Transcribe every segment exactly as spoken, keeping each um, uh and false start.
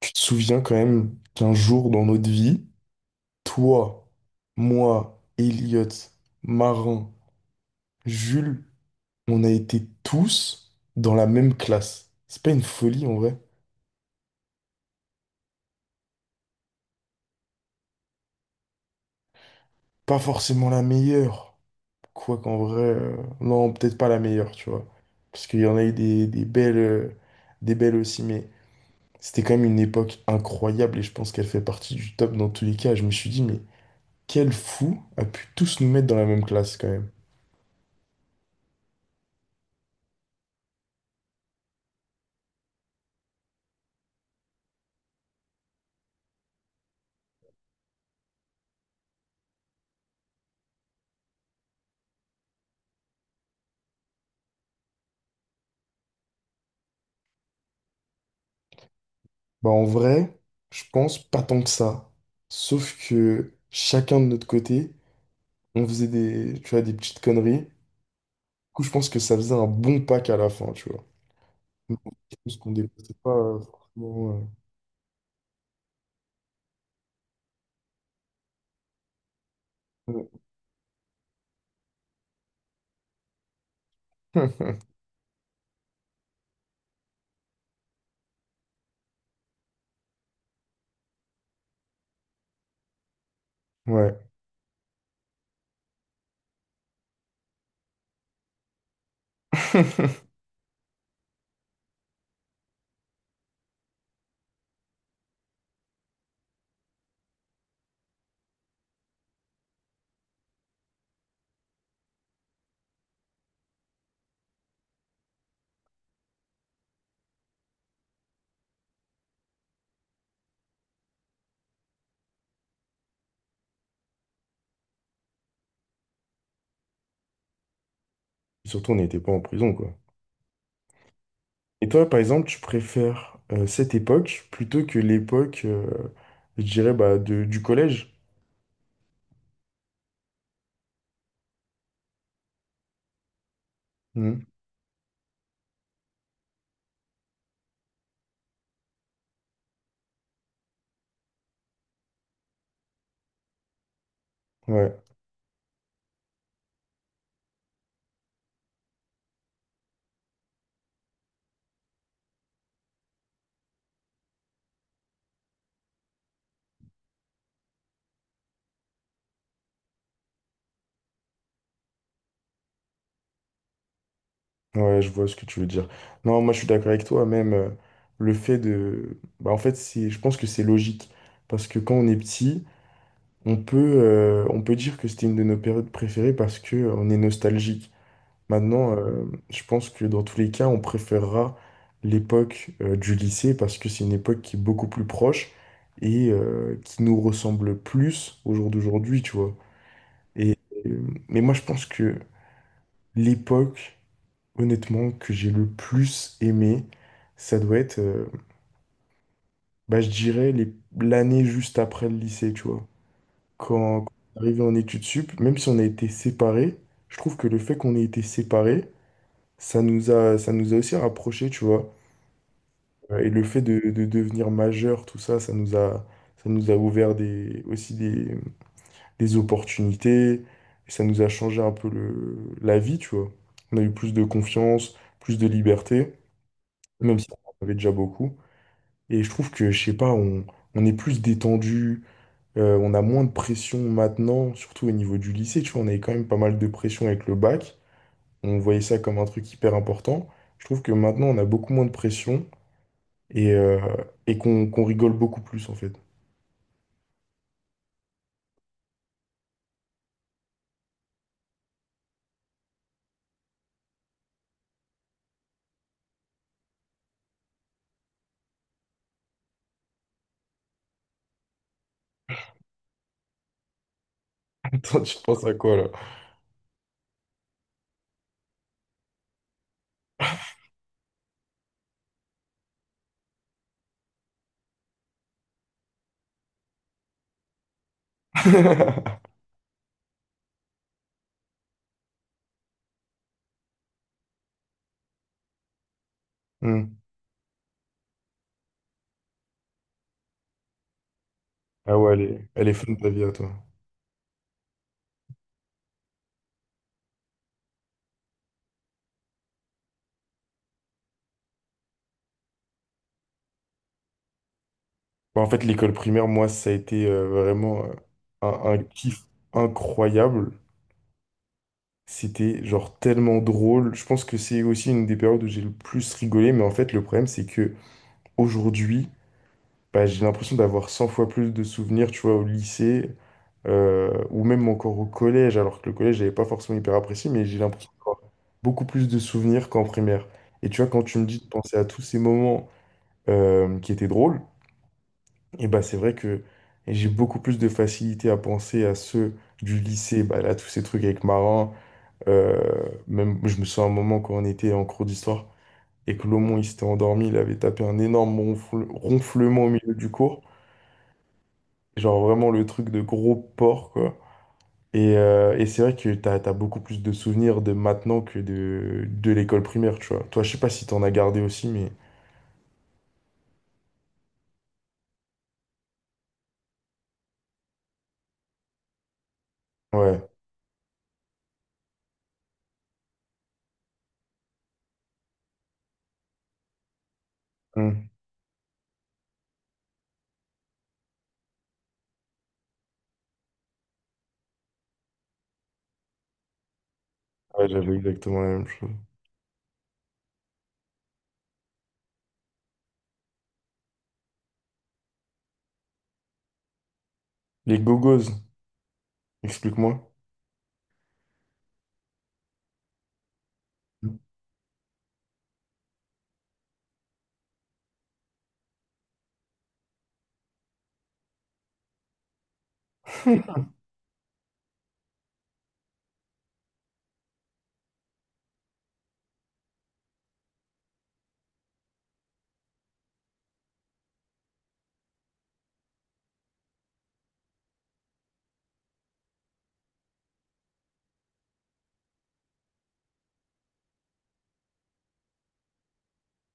Tu te souviens quand même qu'un jour dans notre vie, toi, moi, Elliot, Marin, Jules, on a été tous dans la même classe. C'est pas une folie en vrai. Pas forcément la meilleure. Quoi qu'en vrai, euh, non, peut-être pas la meilleure, tu vois. Parce qu'il y en a eu des, des belles, euh, des belles aussi, mais c'était quand même une époque incroyable et je pense qu'elle fait partie du top dans tous les cas. Je me suis dit, mais quel fou a pu tous nous mettre dans la même classe quand même. Bah, en vrai, je pense pas tant que ça. Sauf que chacun de notre côté, on faisait des, tu vois, des petites conneries. Du coup, je pense que ça faisait un bon pack à la fin, tu vois. Je pense qu'on dépassait pas euh, forcément. euh, Ouais. Surtout, on n'était pas en prison, quoi. Et toi, par exemple, tu préfères euh, cette époque plutôt que l'époque, euh, je dirais, bah, de, du collège? Hmm. Ouais. Ouais, je vois ce que tu veux dire. Non, moi je suis d'accord avec toi, même euh, le fait de... Bah, en fait, c'est... je pense que c'est logique, parce que quand on est petit, on peut, euh, on peut dire que c'était une de nos périodes préférées parce que euh, on est nostalgique. Maintenant, euh, je pense que dans tous les cas, on préférera l'époque euh, du lycée parce que c'est une époque qui est beaucoup plus proche et euh, qui nous ressemble plus au jour d'aujourd'hui, tu vois. Et, euh, mais moi je pense que l'époque... Honnêtement, que j'ai le plus aimé, ça doit être, euh, bah, je dirais, les- l'année juste après le lycée, tu vois. Quand, quand on est arrivé en études sup, même si on a été séparés, je trouve que le fait qu'on ait été séparés, ça nous a, ça nous a aussi rapprochés, tu vois. Euh, Et le fait de, de devenir majeur, tout ça, ça nous a, ça nous a ouvert des, aussi des, des opportunités. Ça nous a changé un peu le, la vie, tu vois. On a eu plus de confiance, plus de liberté, même si on en avait déjà beaucoup. Et je trouve que, je sais pas, on, on est plus détendu, euh, on a moins de pression maintenant, surtout au niveau du lycée, tu vois, on avait quand même pas mal de pression avec le bac, on voyait ça comme un truc hyper important. Je trouve que maintenant, on a beaucoup moins de pression et, euh, et qu'on qu'on rigole beaucoup plus, en fait. Attends, tu penses à quoi, là? Hmm. Ah ouais, elle est, elle est fun ta vie à toi. Bah, en fait, l'école primaire, moi, ça a été euh, vraiment euh, un, un kiff incroyable. C'était genre tellement drôle. Je pense que c'est aussi une des périodes où j'ai le plus rigolé. Mais en fait, le problème, c'est que aujourd'hui, bah, j'ai l'impression d'avoir cent fois plus de souvenirs, tu vois, au lycée euh, ou même encore au collège, alors que le collège, j'avais pas forcément hyper apprécié, mais j'ai l'impression d'avoir beaucoup plus de souvenirs qu'en primaire. Et tu vois, quand tu me dis de penser à tous ces moments euh, qui étaient drôles, et bah, c'est vrai que j'ai beaucoup plus de facilité à penser à ceux du lycée, bah, là, tous ces trucs avec Marin. euh, Même, je me souviens un moment quand on était en cours d'histoire et que Lomon, il s'était endormi, il avait tapé un énorme ronfle- ronflement au milieu du cours. Genre vraiment le truc de gros porc, quoi. Et, euh, et c'est vrai que t'as, t'as beaucoup plus de souvenirs de maintenant que de, de l'école primaire, tu vois. Toi, je sais pas si t'en as gardé aussi, mais ouais. Hmm. Ouais, j'avais exactement la même chose. Les gogos, explique-moi.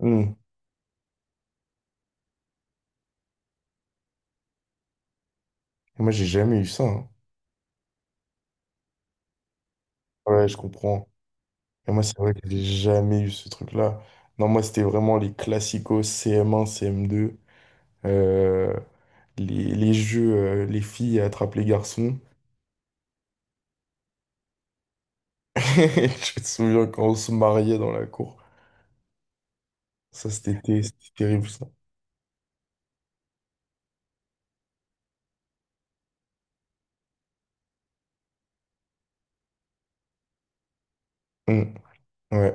Hmm. Et moi, j'ai jamais eu ça, hein. Ouais, je comprends. Et moi, c'est vrai que j'ai jamais eu ce truc-là. Non, moi, c'était vraiment les classicos C M un, C M deux, euh, les, les jeux, euh, les filles attrapent les garçons. Je me souviens quand on se mariait dans la cour. Ça, c'était té- c'était terrible, ça. Hmm. Ouais.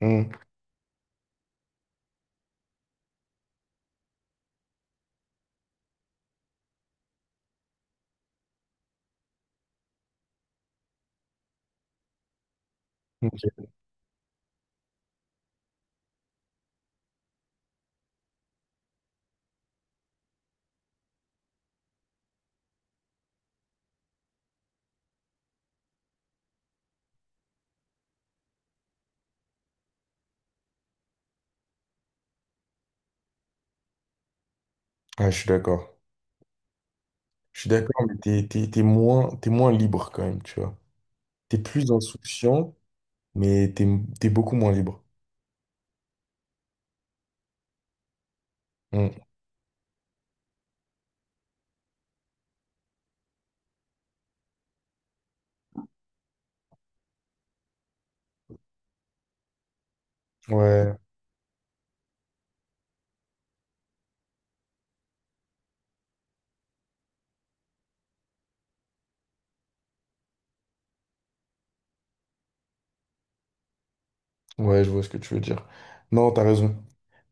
Hmm. Ok. Ah, je suis d'accord. Je suis d'accord, mais t'es, t'es, t'es moins, t'es moins libre quand même, tu vois. T'es plus insouciant, mais t'es, t'es beaucoup moins libre. Hmm. Ouais. Ouais, je vois ce que tu veux dire. Non, t'as raison.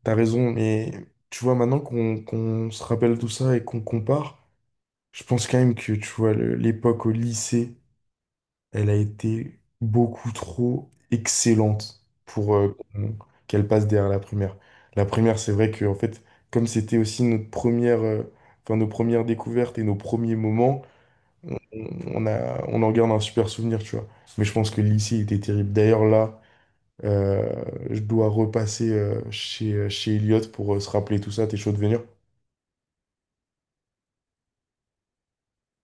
T'as raison, mais tu vois, maintenant qu'on qu'on se rappelle tout ça et qu'on compare, je pense quand même que, tu vois, le- l'époque au lycée, elle a été beaucoup trop excellente pour euh, qu'on- qu'elle passe derrière la primaire. La primaire, c'est vrai que, en fait, comme c'était aussi notre première, euh, enfin, nos premières découvertes et nos premiers moments, on, on a, on en garde un super souvenir, tu vois. Mais je pense que le lycée était terrible. D'ailleurs, là, euh, je dois repasser euh, chez, euh, chez Elliot pour euh, se rappeler tout ça. T'es chaud de venir?